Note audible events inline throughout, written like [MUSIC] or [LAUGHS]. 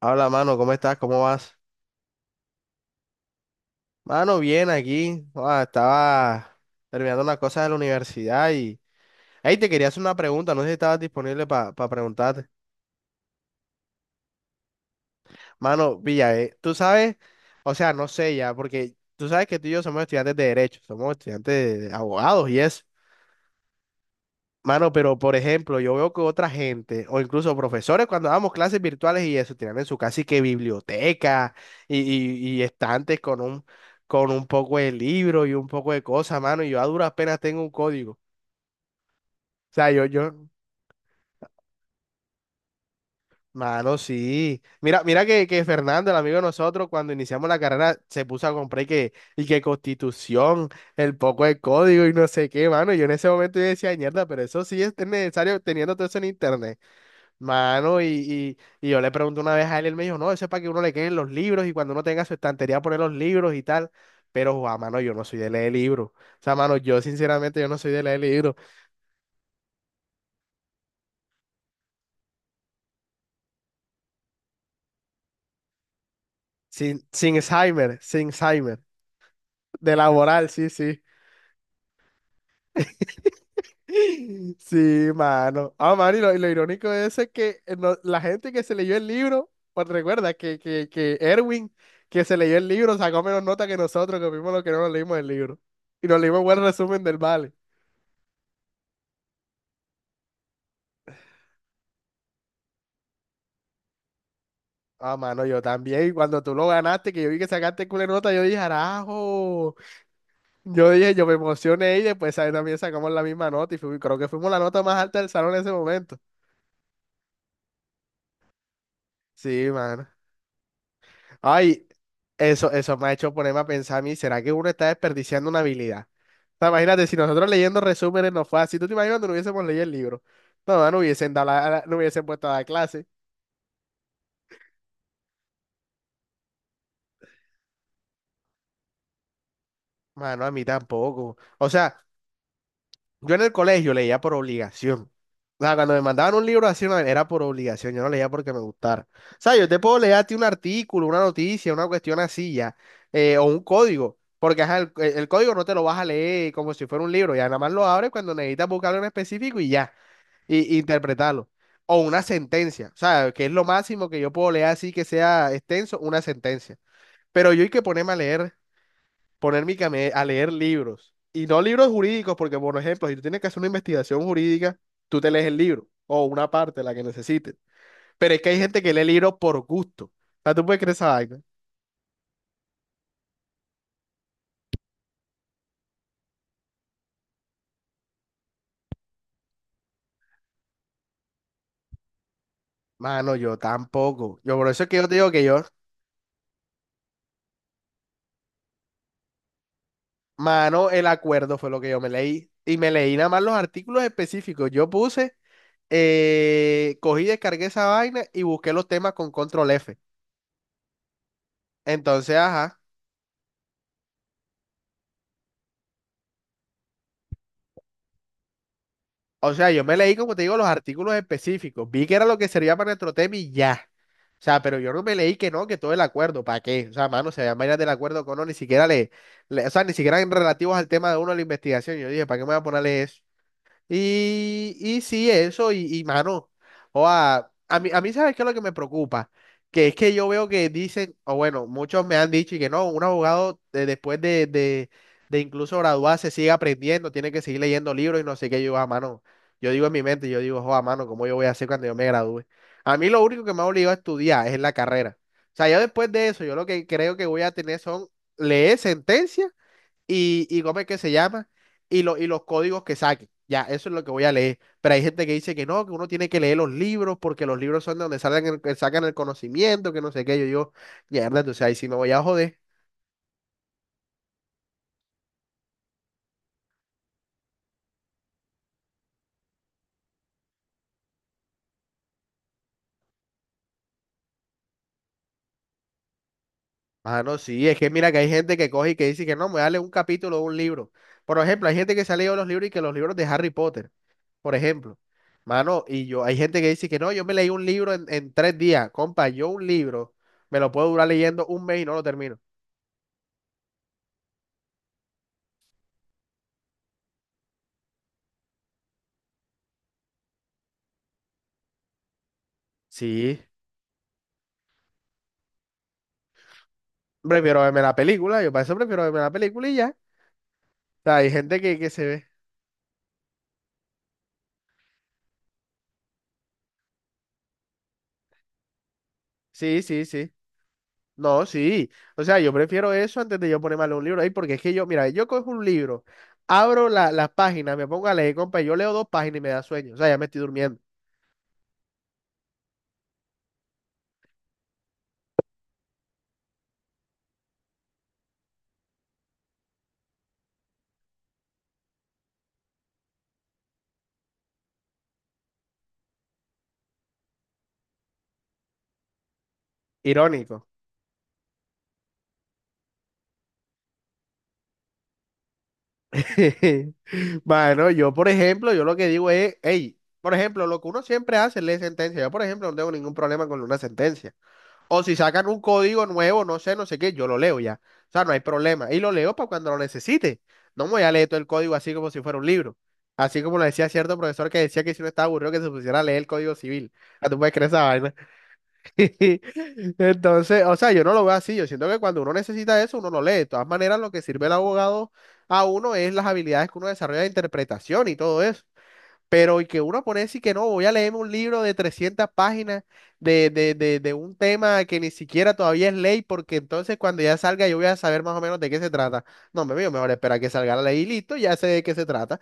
Hola, mano, ¿cómo estás? ¿Cómo vas? Mano, bien aquí. Ah, estaba terminando unas cosas de la universidad y. Ahí te quería hacer una pregunta, no sé si estabas disponible para preguntarte. Mano, Villa, tú sabes, o sea, no sé ya, porque tú sabes que tú y yo somos estudiantes de Derecho, somos estudiantes de abogados y eso. Mano, pero por ejemplo, yo veo que otra gente, o incluso profesores, cuando damos clases virtuales y eso, tienen en su casi que biblioteca y estantes con un poco de libro y un poco de cosas, mano, y yo a duras penas tengo un código. O sea, yo, mano, sí. Mira, mira que Fernando, el amigo de nosotros, cuando iniciamos la carrera, se puso a comprar y que Constitución, el poco de código y no sé qué, mano. Yo en ese momento yo decía, mierda, pero eso sí es necesario teniendo todo eso en internet. Mano, y yo le pregunté una vez a él, él me dijo, no, eso es para que uno le queden los libros y cuando uno tenga su estantería poner los libros y tal. Pero, Juan, mano, yo no soy de leer libros. O sea, mano, yo sinceramente yo no soy de leer libros. Sin Alzheimer, sin Alzheimer. De laboral, sí, sí. [LAUGHS] Sí, mano. Ah, mano, y lo irónico de eso es que la gente que se leyó el libro, pues recuerda que Erwin, que se leyó el libro, sacó menos nota que nosotros, que vimos lo que no nos leímos el libro. Y nos leímos buen resumen del Vale. Ah, mano, yo también. Cuando tú lo ganaste, que yo vi que sacaste culo de nota, yo dije, arajo. Yo dije, yo me emocioné y después ahí también sacamos la misma nota y creo que fuimos la nota más alta del salón en ese momento. Sí, mano. Ay, eso me ha hecho ponerme a pensar a mí, ¿será que uno está desperdiciando una habilidad? O sea, imagínate, si nosotros leyendo resúmenes no fue así, ¿tú te imaginas cuando no hubiésemos leído el libro? No, no hubiesen dado no hubiesen puesto a dar clase. Mano, a mí tampoco. O sea. Yo en el colegio leía por obligación. O sea, cuando me mandaban un libro así, no, era por obligación, yo no leía porque me gustara. O sea, yo te puedo leer a ti un artículo, una noticia, una cuestión así ya, o un código, porque ajá, el código no te lo vas a leer como si fuera un libro, ya nada más lo abres cuando necesitas buscarlo en específico y ya, y interpretarlo. O una sentencia, o sea, que es lo máximo que yo puedo leer así que sea extenso, una sentencia. Pero yo hay que ponerme a leer a leer libros. Y no libros jurídicos, porque por ejemplo, si tú tienes que hacer una investigación jurídica, tú te lees el libro o una parte, la que necesites. Pero es que hay gente que lee libros por gusto. O sea, tú puedes creer esa vaina. Mano, yo tampoco. Yo por eso es que yo te digo que yo, mano, el acuerdo fue lo que yo me leí. Y me leí nada más los artículos específicos. Yo puse, cogí, descargué esa vaina y busqué los temas con control F. Entonces, ajá. O sea, yo me leí, como te digo, los artículos específicos. Vi que era lo que servía para nuestro tema y ya. O sea, pero yo no me leí que no, que todo el acuerdo, ¿para qué? O sea, mano, se veían vainas del acuerdo que uno, ni siquiera o sea, ni siquiera en relativos al tema de uno de la investigación. Yo dije, ¿para qué me voy a ponerle eso? Y sí, eso, y, mano, o a mí, ¿sabes qué es lo que me preocupa? Que es que yo veo que dicen, o bueno, muchos me han dicho y que no, un abogado después de incluso graduarse sigue aprendiendo, tiene que seguir leyendo libros y no sé qué, yo, a mano, yo digo en mi mente, yo digo, a mano, ¿cómo yo voy a hacer cuando yo me gradúe? A mí lo único que me ha obligado a estudiar es la carrera. O sea, yo después de eso, yo lo que creo que voy a tener son leer sentencias y cómo es que se llama y los códigos que saquen. Ya, eso es lo que voy a leer. Pero hay gente que dice que no, que uno tiene que leer los libros porque los libros son de donde salen que sacan el conocimiento, que no sé qué. Yo digo, mierda, entonces ahí sí me voy a joder. Ah, no, sí, es que mira que hay gente que coge y que dice que no, me voy a leer un capítulo de un libro. Por ejemplo, hay gente que se ha leído los libros y que los libros de Harry Potter, por ejemplo. Mano, y yo, hay gente que dice que no, yo me leí un libro en, 3 días. Compa, yo un libro me lo puedo durar leyendo un mes y no lo termino. Sí. Prefiero verme la película, yo para eso prefiero verme la película y ya. O sea, hay gente que se ve. Sí, sí, sí. No, sí. O sea, yo prefiero eso antes de yo ponerme a leer un libro ahí, porque es que yo, mira, yo cojo un libro, abro las páginas, me pongo a leer, compa, yo leo dos páginas y me da sueño. O sea, ya me estoy durmiendo. Irónico. [LAUGHS] Bueno, yo, por ejemplo, yo lo que digo es, hey, por ejemplo, lo que uno siempre hace es leer sentencia. Yo, por ejemplo, no tengo ningún problema con una sentencia. O si sacan un código nuevo, no sé, no sé qué, yo lo leo ya. O sea, no hay problema. Y lo leo para cuando lo necesite. No me voy a leer todo el código así como si fuera un libro. Así como lo decía cierto profesor que decía que si uno estaba aburrido que se pusiera a leer el código civil. Ah, tú puedes creer esa vaina. [LAUGHS] Entonces, o sea, yo no lo veo así. Yo siento que cuando uno necesita eso, uno lo lee. De todas maneras, lo que sirve el abogado a uno es las habilidades que uno desarrolla de interpretación y todo eso. Pero y que uno pone a decir que no, voy a leerme un libro de 300 páginas de un tema que ni siquiera todavía es ley, porque entonces cuando ya salga yo voy a saber más o menos de qué se trata. No, me veo mejor espera que salga la ley y listo, ya sé de qué se trata.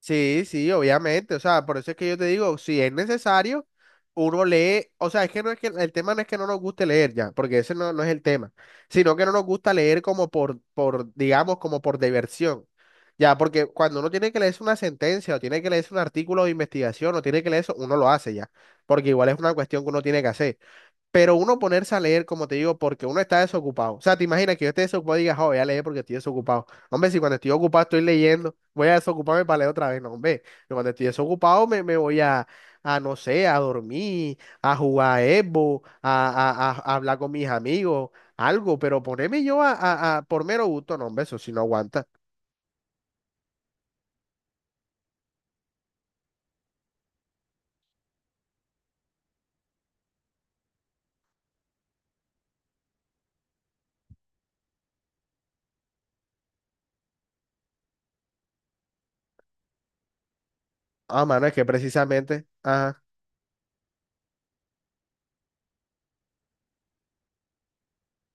Sí, sí, obviamente. O sea, por eso es que yo te digo, si es necesario, uno lee. O sea, es que no es que el tema no es que no nos guste leer ya, porque ese no, no es el tema, sino que no nos gusta leer como por, digamos, como por diversión. Ya, porque cuando uno tiene que leerse una sentencia o tiene que leerse un artículo de investigación o tiene que leer eso, uno lo hace ya, porque igual es una cuestión que uno tiene que hacer. Pero uno ponerse a leer, como te digo, porque uno está desocupado. O sea, te imaginas que yo esté desocupado y digas, oh, voy a leer porque estoy desocupado. Hombre, si cuando estoy ocupado estoy leyendo, voy a desocuparme para leer otra vez. No, hombre, yo cuando estoy desocupado me voy a, no sé, a dormir, a jugar Evo, a hablar con mis amigos, algo. Pero ponerme yo a, por mero gusto, no, hombre, eso sí no aguanta. Ah, mano, es que precisamente, ajá,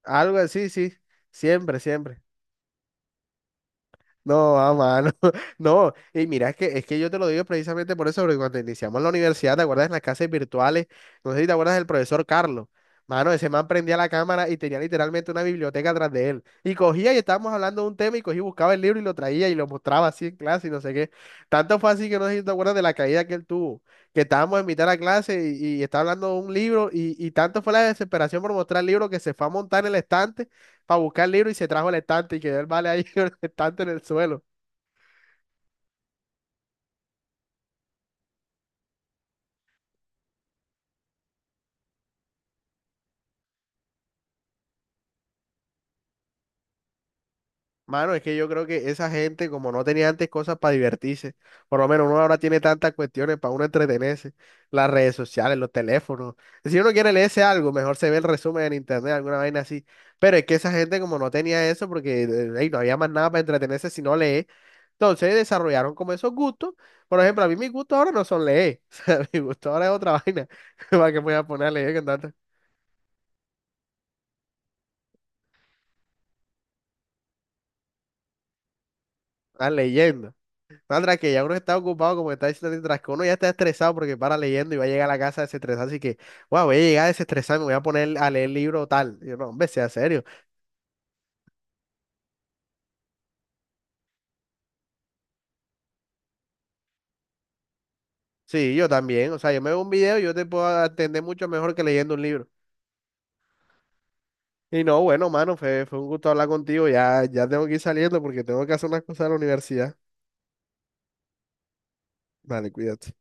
algo así, sí, siempre, siempre. No, a mano. [LAUGHS] No, y mira, es que yo te lo digo precisamente por eso, porque cuando iniciamos la universidad, ¿te acuerdas en las clases virtuales? No sé si te acuerdas del profesor Carlos. Mano, ese man prendía la cámara y tenía literalmente una biblioteca atrás de él. Y cogía y estábamos hablando de un tema y cogía y buscaba el libro y lo traía y lo mostraba así en clase y no sé qué. Tanto fue así que no sé si te acuerdas de la caída que él tuvo, que estábamos en mitad de la clase y estaba hablando de un libro y tanto fue la desesperación por mostrar el libro que se fue a montar en el estante para buscar el libro y se trajo el estante y quedó el vale ahí [LAUGHS] con el estante en el suelo. Mano, es que yo creo que esa gente, como no tenía antes cosas para divertirse, por lo menos uno ahora tiene tantas cuestiones para uno entretenerse, las redes sociales, los teléfonos. Si uno quiere leerse algo, mejor se ve el resumen en internet, alguna vaina así. Pero es que esa gente, como no tenía eso, porque ey, no había más nada para entretenerse si no lee, entonces desarrollaron como esos gustos. Por ejemplo, a mí mis gustos ahora no son leer, [LAUGHS] o sea, mi gusto ahora es otra vaina. [LAUGHS] ¿Para qué me voy a poner a leer con a leyendo? Sandra, que ya uno está ocupado, como está diciendo mientras que uno ya está estresado porque para leyendo y va a llegar a la casa desestresado, así que, wow, voy a llegar a desestresar, me voy a poner a leer libro tal. Y yo, no, hombre, sea serio. Sí, yo también, o sea, yo me veo un video y yo te puedo atender mucho mejor que leyendo un libro. Y no, bueno, mano, fue un gusto hablar contigo, ya tengo que ir saliendo porque tengo que hacer unas cosas de la universidad. Vale, cuídate.